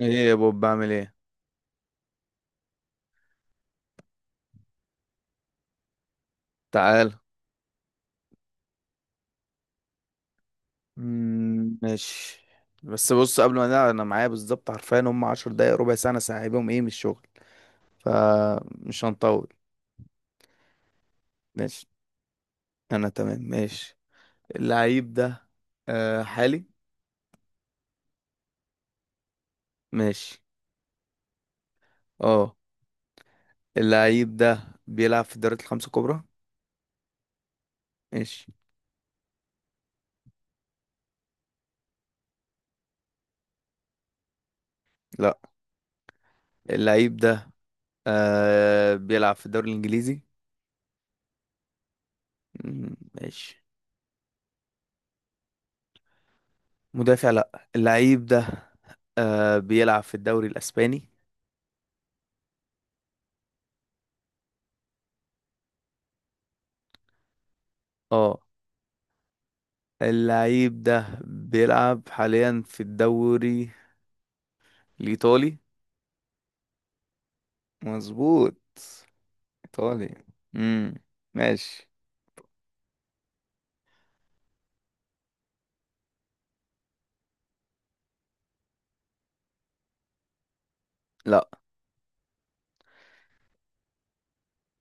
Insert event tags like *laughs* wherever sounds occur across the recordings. ايه يا بوب بعمل ايه؟ تعال. ماشي. بس بص قبل ما نقعد انا معايا بالظبط حرفيا هم عشر دقايق ربع ساعة انا سايبهم ايه من الشغل فمش هنطول. ماشي انا تمام ماشي. اللعيب ده آه حالي. ماشي. اه اللعيب ده بيلعب في الدوريات الخمسة الكبرى. ماشي. لا. اللعيب ده آه بيلعب في الدوري الانجليزي. ماشي. مدافع لا. اللعيب ده آه بيلعب في الدوري الاسباني. اه اللعيب ده بيلعب حاليا في الدوري الإيطالي. مظبوط. إيطالي. امم. ماشي. لا.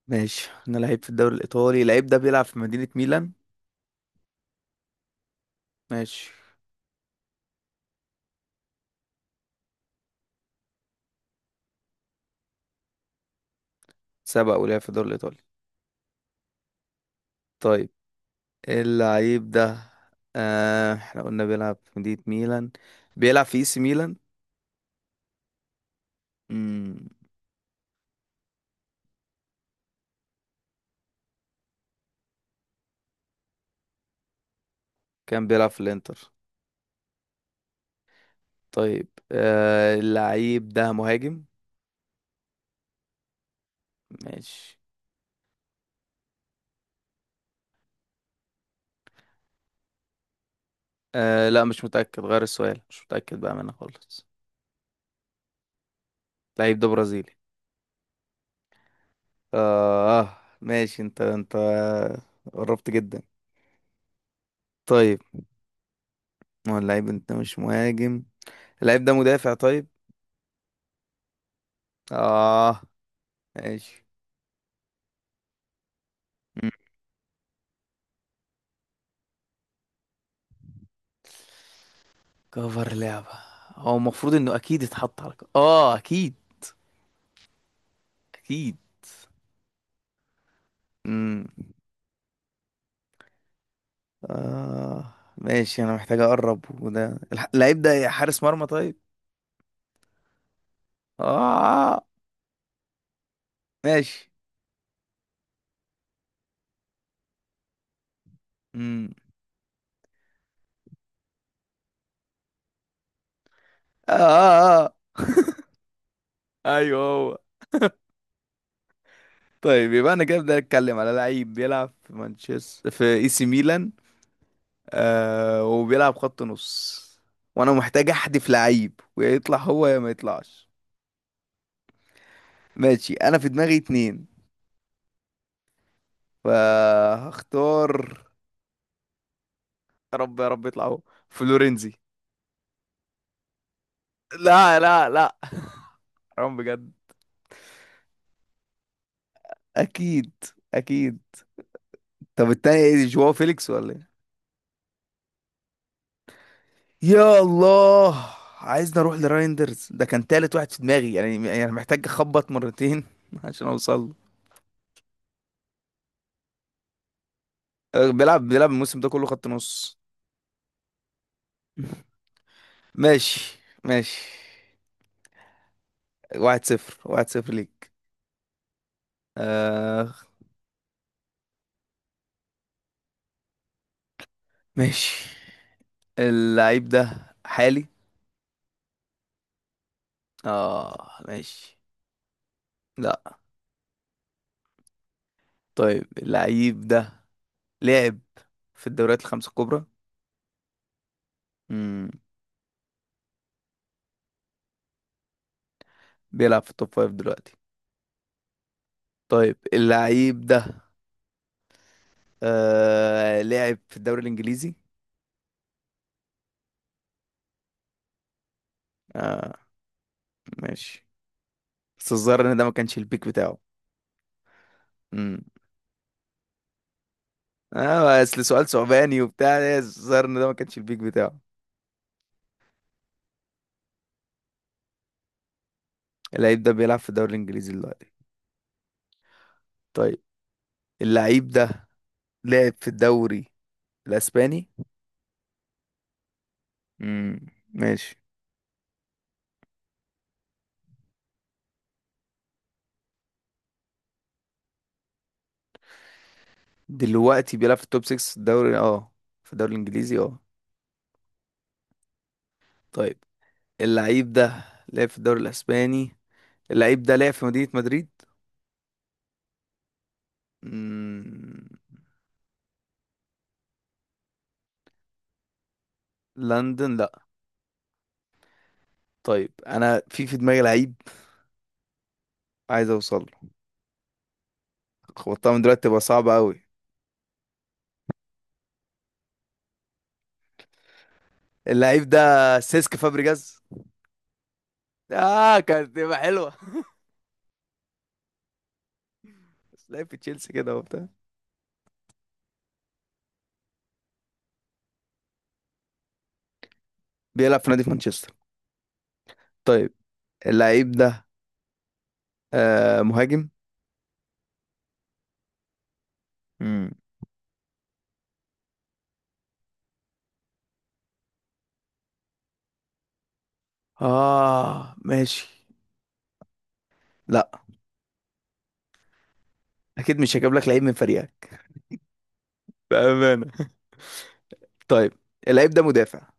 ماشي. أنا لعيب في الدوري الإيطالي اللعيب ده بيلعب في مدينة ميلان. ماشي. سبق ولعب في الدوري الإيطالي. طيب اللعيب ده آه احنا قلنا بيلعب في مدينة ميلان بيلعب في اي سي ميلان. امم. كان بيلعب في الإنتر. طيب آه اللعيب ده مهاجم. ماشي. آه لا مش متأكد غير السؤال مش متأكد بقى منه خالص. اللعيب ده برازيلي. آه ماشي انت انت قربت جدا. طيب ما هو اللعيب انت مش مهاجم اللعيب ده مدافع طيب. اه ماشي. مم. كفر لعبة. هو المفروض انه اكيد اتحط على اه اكيد. اكيد. امم. اه ماشي انا محتاج اقرب وده اللعيب ده حارس مرمى طيب. اه ماشي. امم. اه, آه. آه. *laughs* ايوه هو. طيب يبقى انا كده بدي اتكلم على لعيب بيلعب في مانشستر في اي سي ميلان آه وبيلعب خط نص وانا محتاج احدف لعيب ويا يطلع هو يا ما يطلعش. ماشي انا في دماغي اتنين فهختار. يا رب يا رب يطلع هو. فلورنزي. لا لا لا. حرام بجد. اكيد. اكيد. طب التاني ايه جواو فيليكس ولا ايه؟ يا الله. عايزني اروح لرايندرز ده كان تالت واحد في دماغي يعني يعني محتاج اخبط مرتين *laughs* عشان اوصل له. آه، بيلعب الموسم ده كله خط نص. *laughs* ماشي ماشي. واحد صفر واحد صفر ليك. آه ماشي. اللعيب ده حالي. اه ماشي. لا. طيب اللعيب ده لعب في الدوريات الخمسة الكبرى. مم. بيلعب في التوب فايف دلوقتي. طيب اللعيب ده آه لعب في الدوري الإنجليزي. اه ماشي. بس الظاهر ان ده ما كانش البيك بتاعه. مم. اه اصل سؤال ثعباني وبتاع إيه، الظاهر ان ده ما كانش البيك بتاعه. اللعيب ده بيلعب في الدوري الانجليزي دلوقتي. طيب اللعيب ده لعب في الدوري الاسباني. امم. ماشي. دلوقتي بيلعب في التوب 6 في الدوري اه في الدوري الانجليزي اه. طيب اللعيب ده لعب في الدوري الاسباني. اللعيب ده لعب في مدينة مدريد. امم. لندن لا. طيب انا في في دماغي لعيب عايز اوصل له. خبطتها من دلوقتي تبقى صعبة قوي. اللعيب ده سيسك فابريجاز. اه كانت تبقى حلوه. بس لعب في تشيلسي كده وبتاع. بيلعب في نادي في مانشستر. طيب اللعيب ده آه مهاجم. مم. اه ماشي. لا اكيد مش هجيب لك لعيب من فريقك. بأمانة. طيب اللعيب ده مدافع.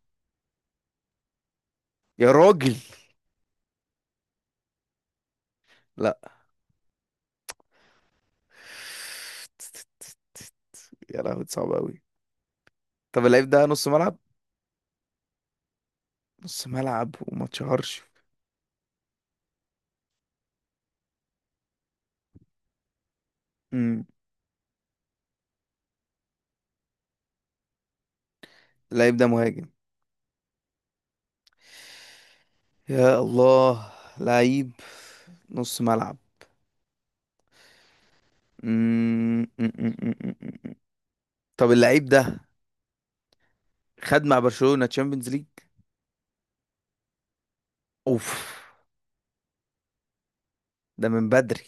يا راجل. لا. يا لهوي صعب قوي. طب اللعيب ده نص ملعب. نص ملعب وما اتشهرش. امم. اللعيب ده مهاجم. يا الله. لعيب نص ملعب. مم. مم، مم، مم، مم، مم. طب اللعيب ده خد مع برشلونة تشامبيونز ليج. اوف. ده من بدري.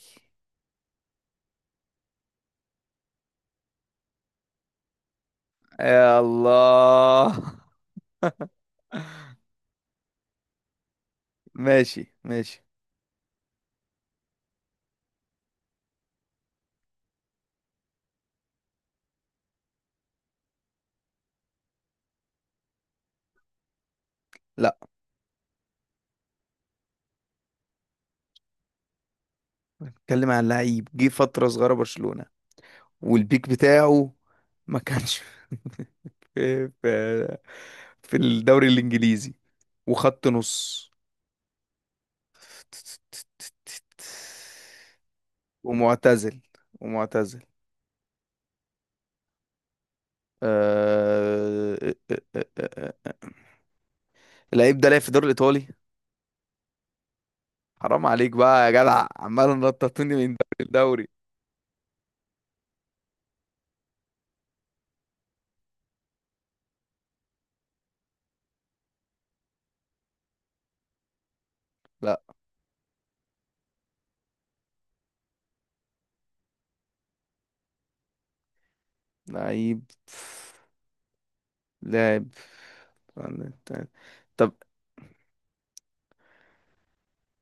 يا الله. *laughs* ماشي ماشي. لا. اتكلم عن لعيب جه فترة صغيرة برشلونة والبيك بتاعه ما كانش *laughs* في في الدوري الإنجليزي وخط نص ومعتزل. ومعتزل. آه... آه، آه، آه، آه. آه. اللعيب ده لعب في الدوري الإيطالي. حرام عليك بقى يا جدع عمال نططوني من دوري لدوري. لا. لعيب. لاعب. طب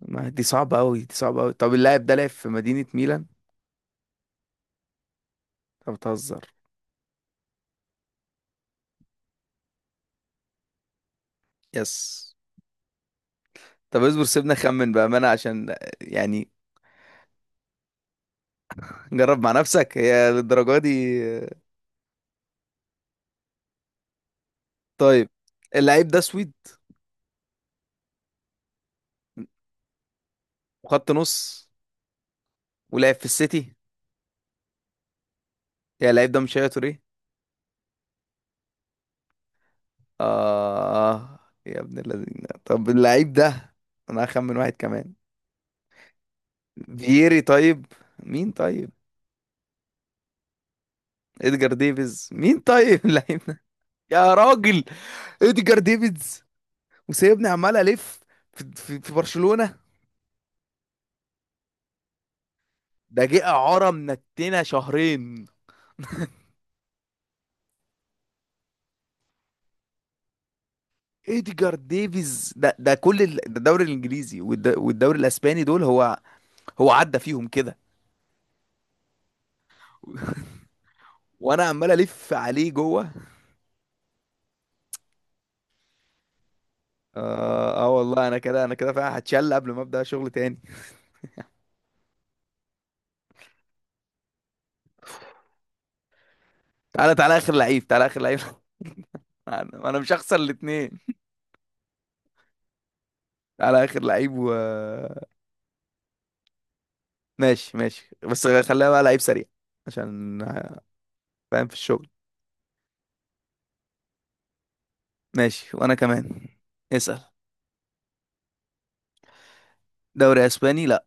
ما دي صعبة أوي دي صعبة أوي. طب اللاعب ده لعب في مدينة ميلان. طب بتهزر. يس. طب اصبر سيبنا خمن بأمانة عشان يعني. جرب مع نفسك هي للدرجة دي؟ طيب اللعيب ده سويد وخط نص ولعب في السيتي. يا اللعيب ده مش هي توريه. آه. يا ابن الذين طب اللعيب ده أنا هخمن واحد كمان. فييري طيب. مين طيب. ادجار ديفيز مين طيب. *laughs* اللعيب ده. يا راجل. ادجار ديفيز وسايبني عمال الف في برشلونة. ده جه اعاره منتنا شهرين. ادجار ديفيز ده كل ده الدوري الانجليزي والدوري الاسباني دول هو. هو عدى فيهم كده. *laughs* وانا عمال الف عليه جوه. اه, آه والله انا كده انا كده فعلا هتشل قبل ما ابدا شغل تاني. تعالى تعالى اخر لعيب تعالى اخر لعيب. *laughs* أنا مش هخسر الاتنين على اخر لعيب و ماشي ماشي بس خليها بقى لعيب سريع عشان فاهم في الشغل. ماشي وانا كمان. اسأل. دوري اسباني لا.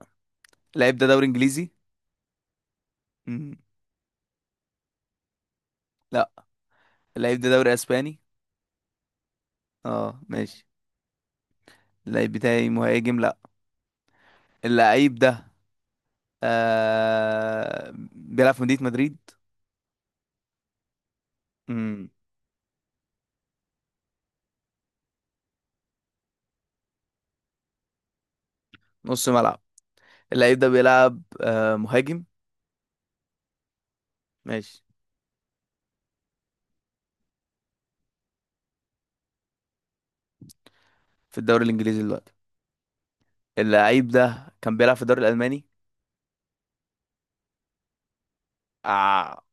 اللعيب ده دوري انجليزي. مم. لا. اللعيب ده دوري اسباني. اه ماشي. اللعيب بتاعي مهاجم لا. اللعيب ده آه... بيلعب في مدينة مدريد. مم. نص ملعب. اللعيب ده بيلعب آه مهاجم. ماشي. في الدوري الانجليزي دلوقتي. اللعيب ده كان بيلعب في الدوري الالماني. آه.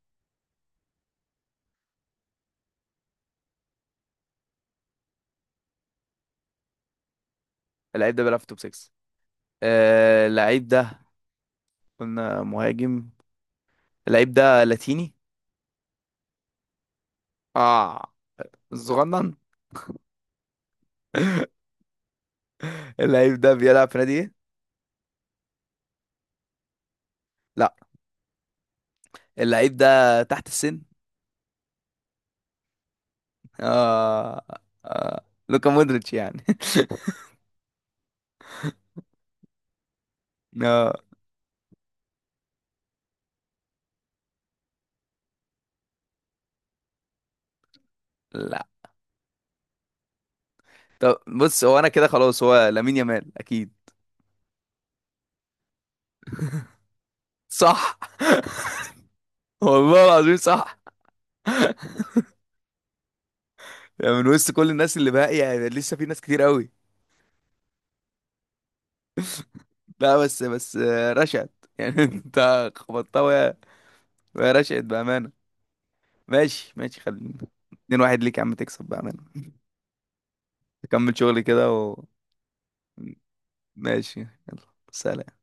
اللعيب ده بيلعب في توب 6. آه اللعيب ده قلنا مهاجم. اللعيب ده لاتيني. اه. صغنن. *laughs* اللعيب ده بيلعب في نادي ايه؟ لا. اللعيب ده تحت السن. اه, آه. لوكا مودريتش يعني. *laughs* اه. لا. طب بص هو انا كده خلاص هو لامين يامال اكيد. صح. *laughs* والله العظيم صح. يعني من وسط كل الناس اللي باقي يعني لسه في ناس كتير قوي. لا بس بس آه، رشد يعني. *laughs* انت خبطتها ويا ويا رشد بأمانة. ماشي ماشي خلينا. اتنين واحد ليك يا عم تكسب بقى منه. تكمل شغلي كده وماشي يلا. سلام.